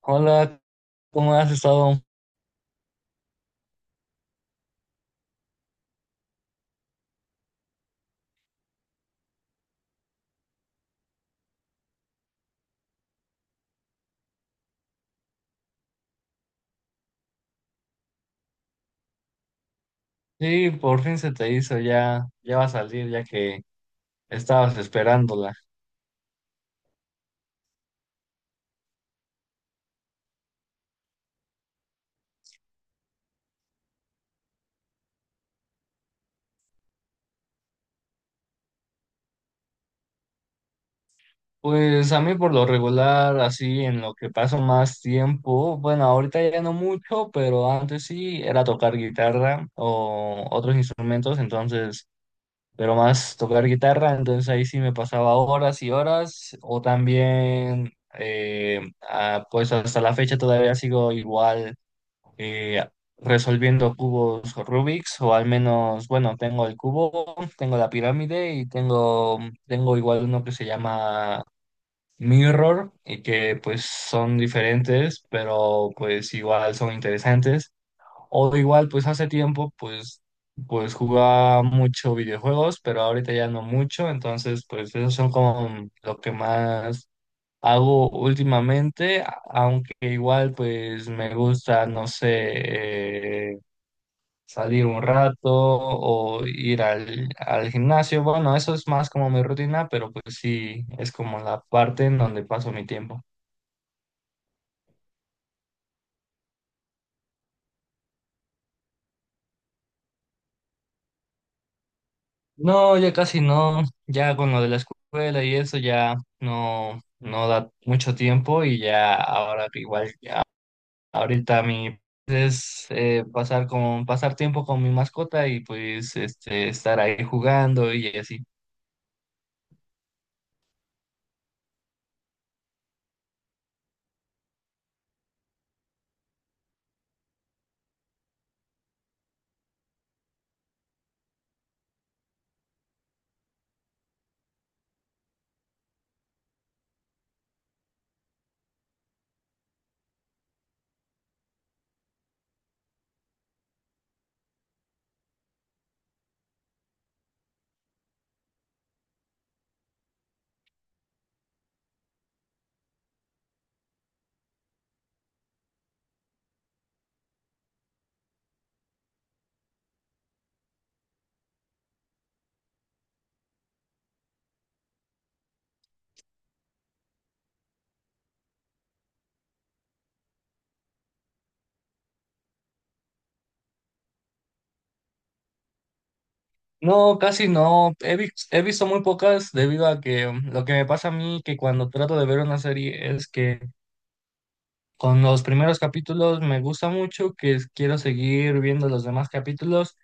Hola, ¿cómo has estado? Sí, por fin se te hizo, ya va a salir, ya que estabas esperándola. Pues a mí por lo regular, así en lo que paso más tiempo, bueno, ahorita ya no mucho, pero antes sí era tocar guitarra o otros instrumentos, entonces, pero más tocar guitarra, entonces ahí sí me pasaba horas y horas, o también, pues hasta la fecha todavía sigo igual, eh, resolviendo cubos Rubik's, o al menos, bueno, tengo el cubo, tengo la pirámide y tengo igual uno que se llama Mirror y que pues son diferentes, pero pues igual son interesantes. O igual, pues hace tiempo, pues jugaba mucho videojuegos, pero ahorita ya no mucho, entonces pues esos son como lo que más hago últimamente, aunque igual pues me gusta, no sé, salir un rato o ir al gimnasio. Bueno, eso es más como mi rutina, pero pues sí, es como la parte en donde paso mi tiempo. No, ya casi no, ya con lo de la escuela y eso ya no da mucho tiempo y ya ahora igual, ahorita mi es, pasar tiempo con mi mascota y pues este estar ahí jugando y así. No, casi no. He visto muy pocas debido a que, lo que me pasa a mí que cuando trato de ver una serie es que con los primeros capítulos me gusta mucho, que quiero seguir viendo los demás capítulos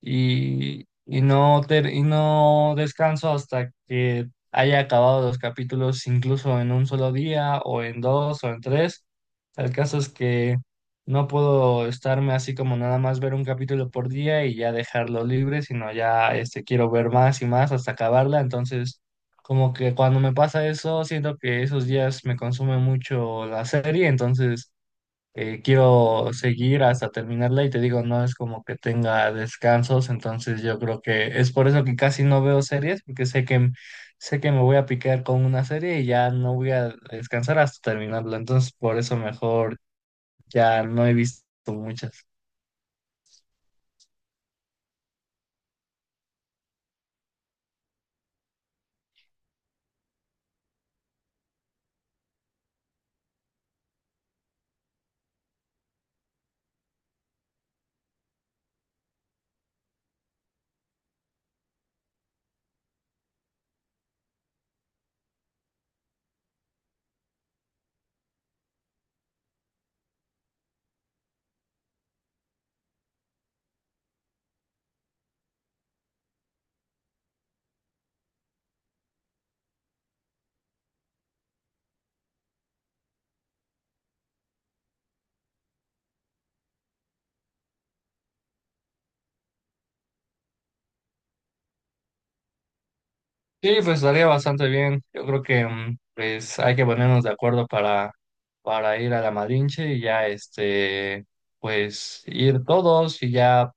y no descanso hasta que haya acabado los capítulos, incluso en un solo día, o en dos, o en tres. El caso es que no puedo estarme así como nada más ver un capítulo por día y ya dejarlo libre, sino ya este, quiero ver más y más hasta acabarla. Entonces, como que cuando me pasa eso, siento que esos días me consume mucho la serie, entonces, quiero seguir hasta terminarla y te digo, no es como que tenga descansos, entonces yo creo que es por eso que casi no veo series, porque sé que sé que me voy a picar con una serie y ya no voy a descansar hasta terminarla, entonces por eso mejor ya no he visto muchas. Sí, pues estaría bastante bien. Yo creo que, pues hay que ponernos de acuerdo para, ir a la Malinche y ya este, pues ir todos y ya,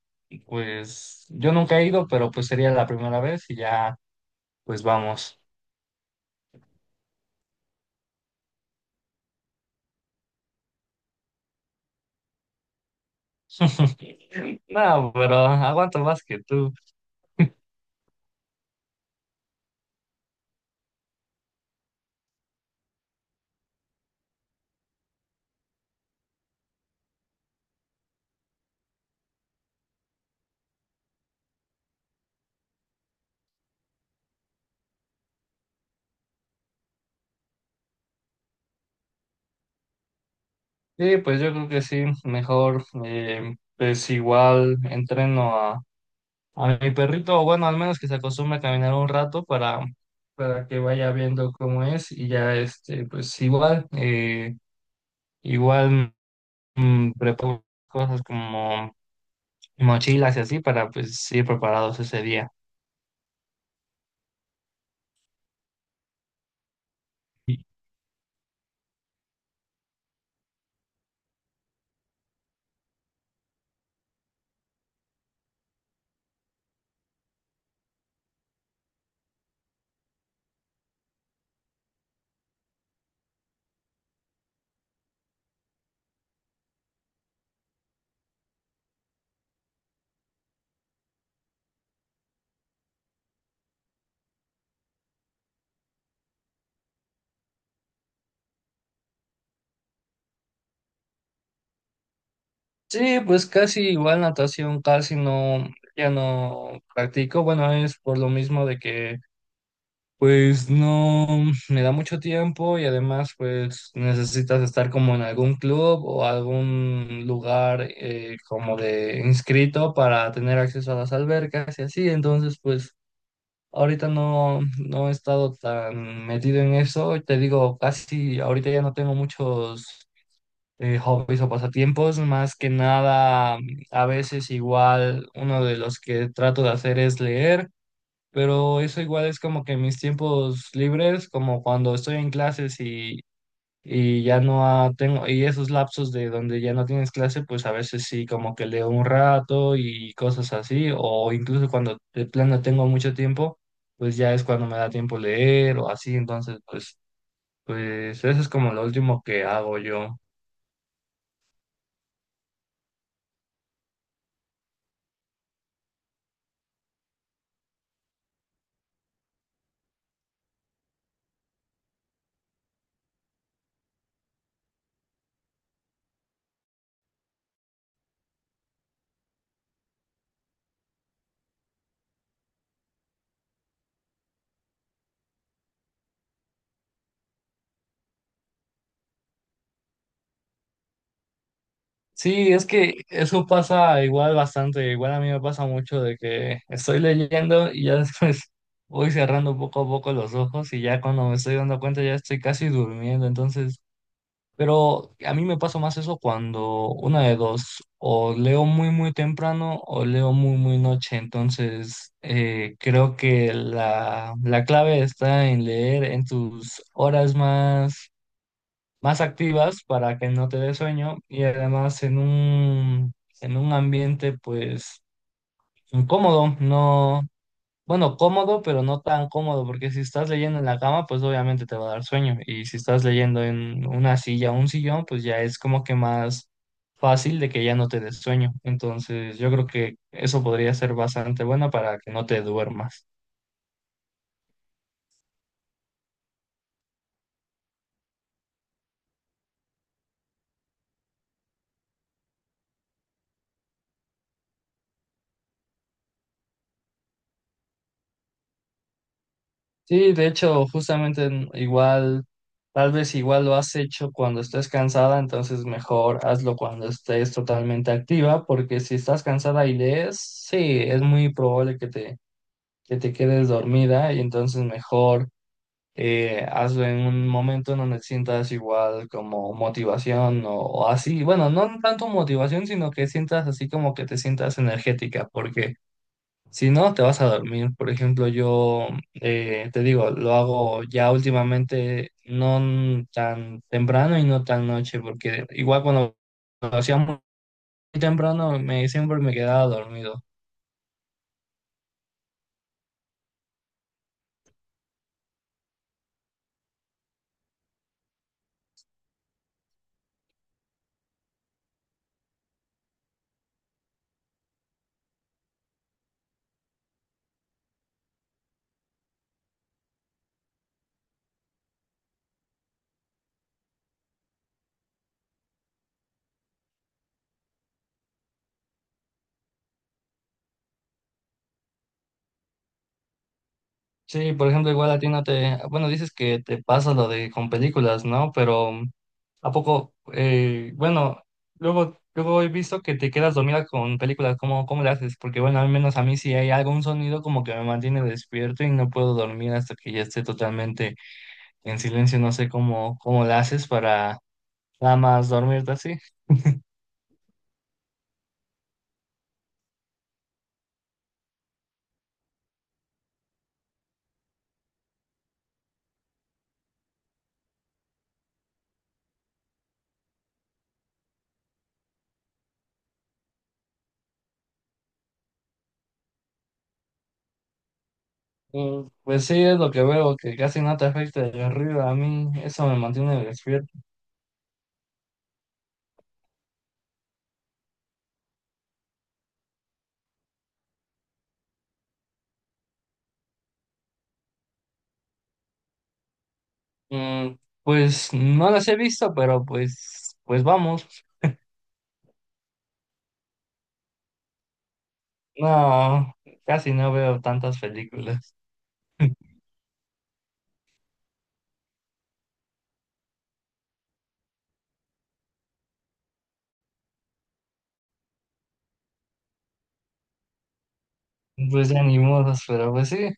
pues yo nunca he ido, pero pues sería la primera vez y ya, pues vamos. No, pero aguanto más que tú. Sí, pues yo creo que sí, mejor, pues igual entreno a mi perrito, bueno, al menos que se acostumbre a caminar un rato para que vaya viendo cómo es y ya, este, pues igual, igual preparo cosas como mochilas y así para pues ir preparados ese día. Sí, pues casi igual natación, casi no, ya no practico, bueno, es por lo mismo de que, pues no me da mucho tiempo y además pues necesitas estar como en algún club o algún lugar, como de inscrito para tener acceso a las albercas y así. Entonces pues ahorita no he estado tan metido en eso. Te digo, casi ahorita ya no tengo muchos, hobbies o pasatiempos. Más que nada, a veces igual uno de los que trato de hacer es leer. Pero eso igual es como que mis tiempos libres, como cuando estoy en clases y ya no tengo, y esos lapsos de donde ya no tienes clase, pues a veces sí, como que leo un rato y cosas así, o incluso cuando de plano tengo mucho tiempo, pues ya es cuando me da tiempo leer o así, entonces pues eso es como lo último que hago yo. Sí, es que eso pasa igual bastante, igual a mí me pasa mucho de que estoy leyendo y ya después voy cerrando poco a poco los ojos y ya cuando me estoy dando cuenta ya estoy casi durmiendo, entonces, pero a mí me pasa más eso cuando una de dos, o leo muy muy temprano o leo muy muy noche, entonces, creo que la clave está en leer en tus horas más activas para que no te dé sueño y además en en un ambiente pues incómodo, no, bueno, cómodo, pero no tan cómodo, porque si estás leyendo en la cama, pues obviamente te va a dar sueño y si estás leyendo en una silla o un sillón, pues ya es como que más fácil de que ya no te dé sueño. Entonces, yo creo que eso podría ser bastante bueno para que no te duermas. Sí, de hecho, justamente igual, tal vez igual lo has hecho cuando estés cansada, entonces mejor hazlo cuando estés totalmente activa, porque si estás cansada y lees, sí, es muy probable que te quedes dormida y entonces mejor, hazlo en un momento en donde sientas igual como motivación o así, bueno, no tanto motivación, sino que sientas así como que te sientas energética, porque. Si no, te vas a dormir. Por ejemplo, yo, te digo, lo hago ya últimamente no tan temprano y no tan noche, porque igual cuando lo hacía muy temprano me siempre me quedaba dormido. Sí, por ejemplo, igual a ti no te, bueno, dices que te pasa lo de con películas, ¿no? Pero, ¿a poco, bueno, luego, luego he visto que te quedas dormida con películas? Cómo le haces? Porque bueno, al menos a mí si hay algún sonido como que me mantiene despierto y no puedo dormir hasta que ya esté totalmente en silencio, no sé cómo le haces para nada más dormirte así. Pues sí, es lo que veo, que casi no te afecta el ruido, a mí eso me mantiene despierto. Mm, pues no las he visto, pero pues vamos. No, casi no veo tantas películas. Pues ya ni modos, pero pues sí,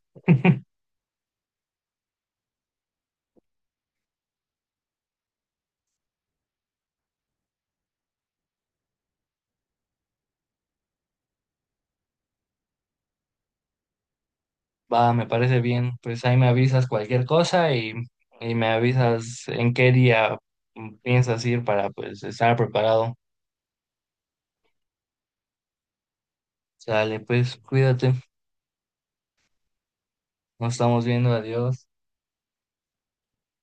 va, me parece bien. Pues ahí me avisas cualquier cosa y me avisas en qué día, piensas ir para pues estar preparado. Sale, pues cuídate, nos estamos viendo, adiós.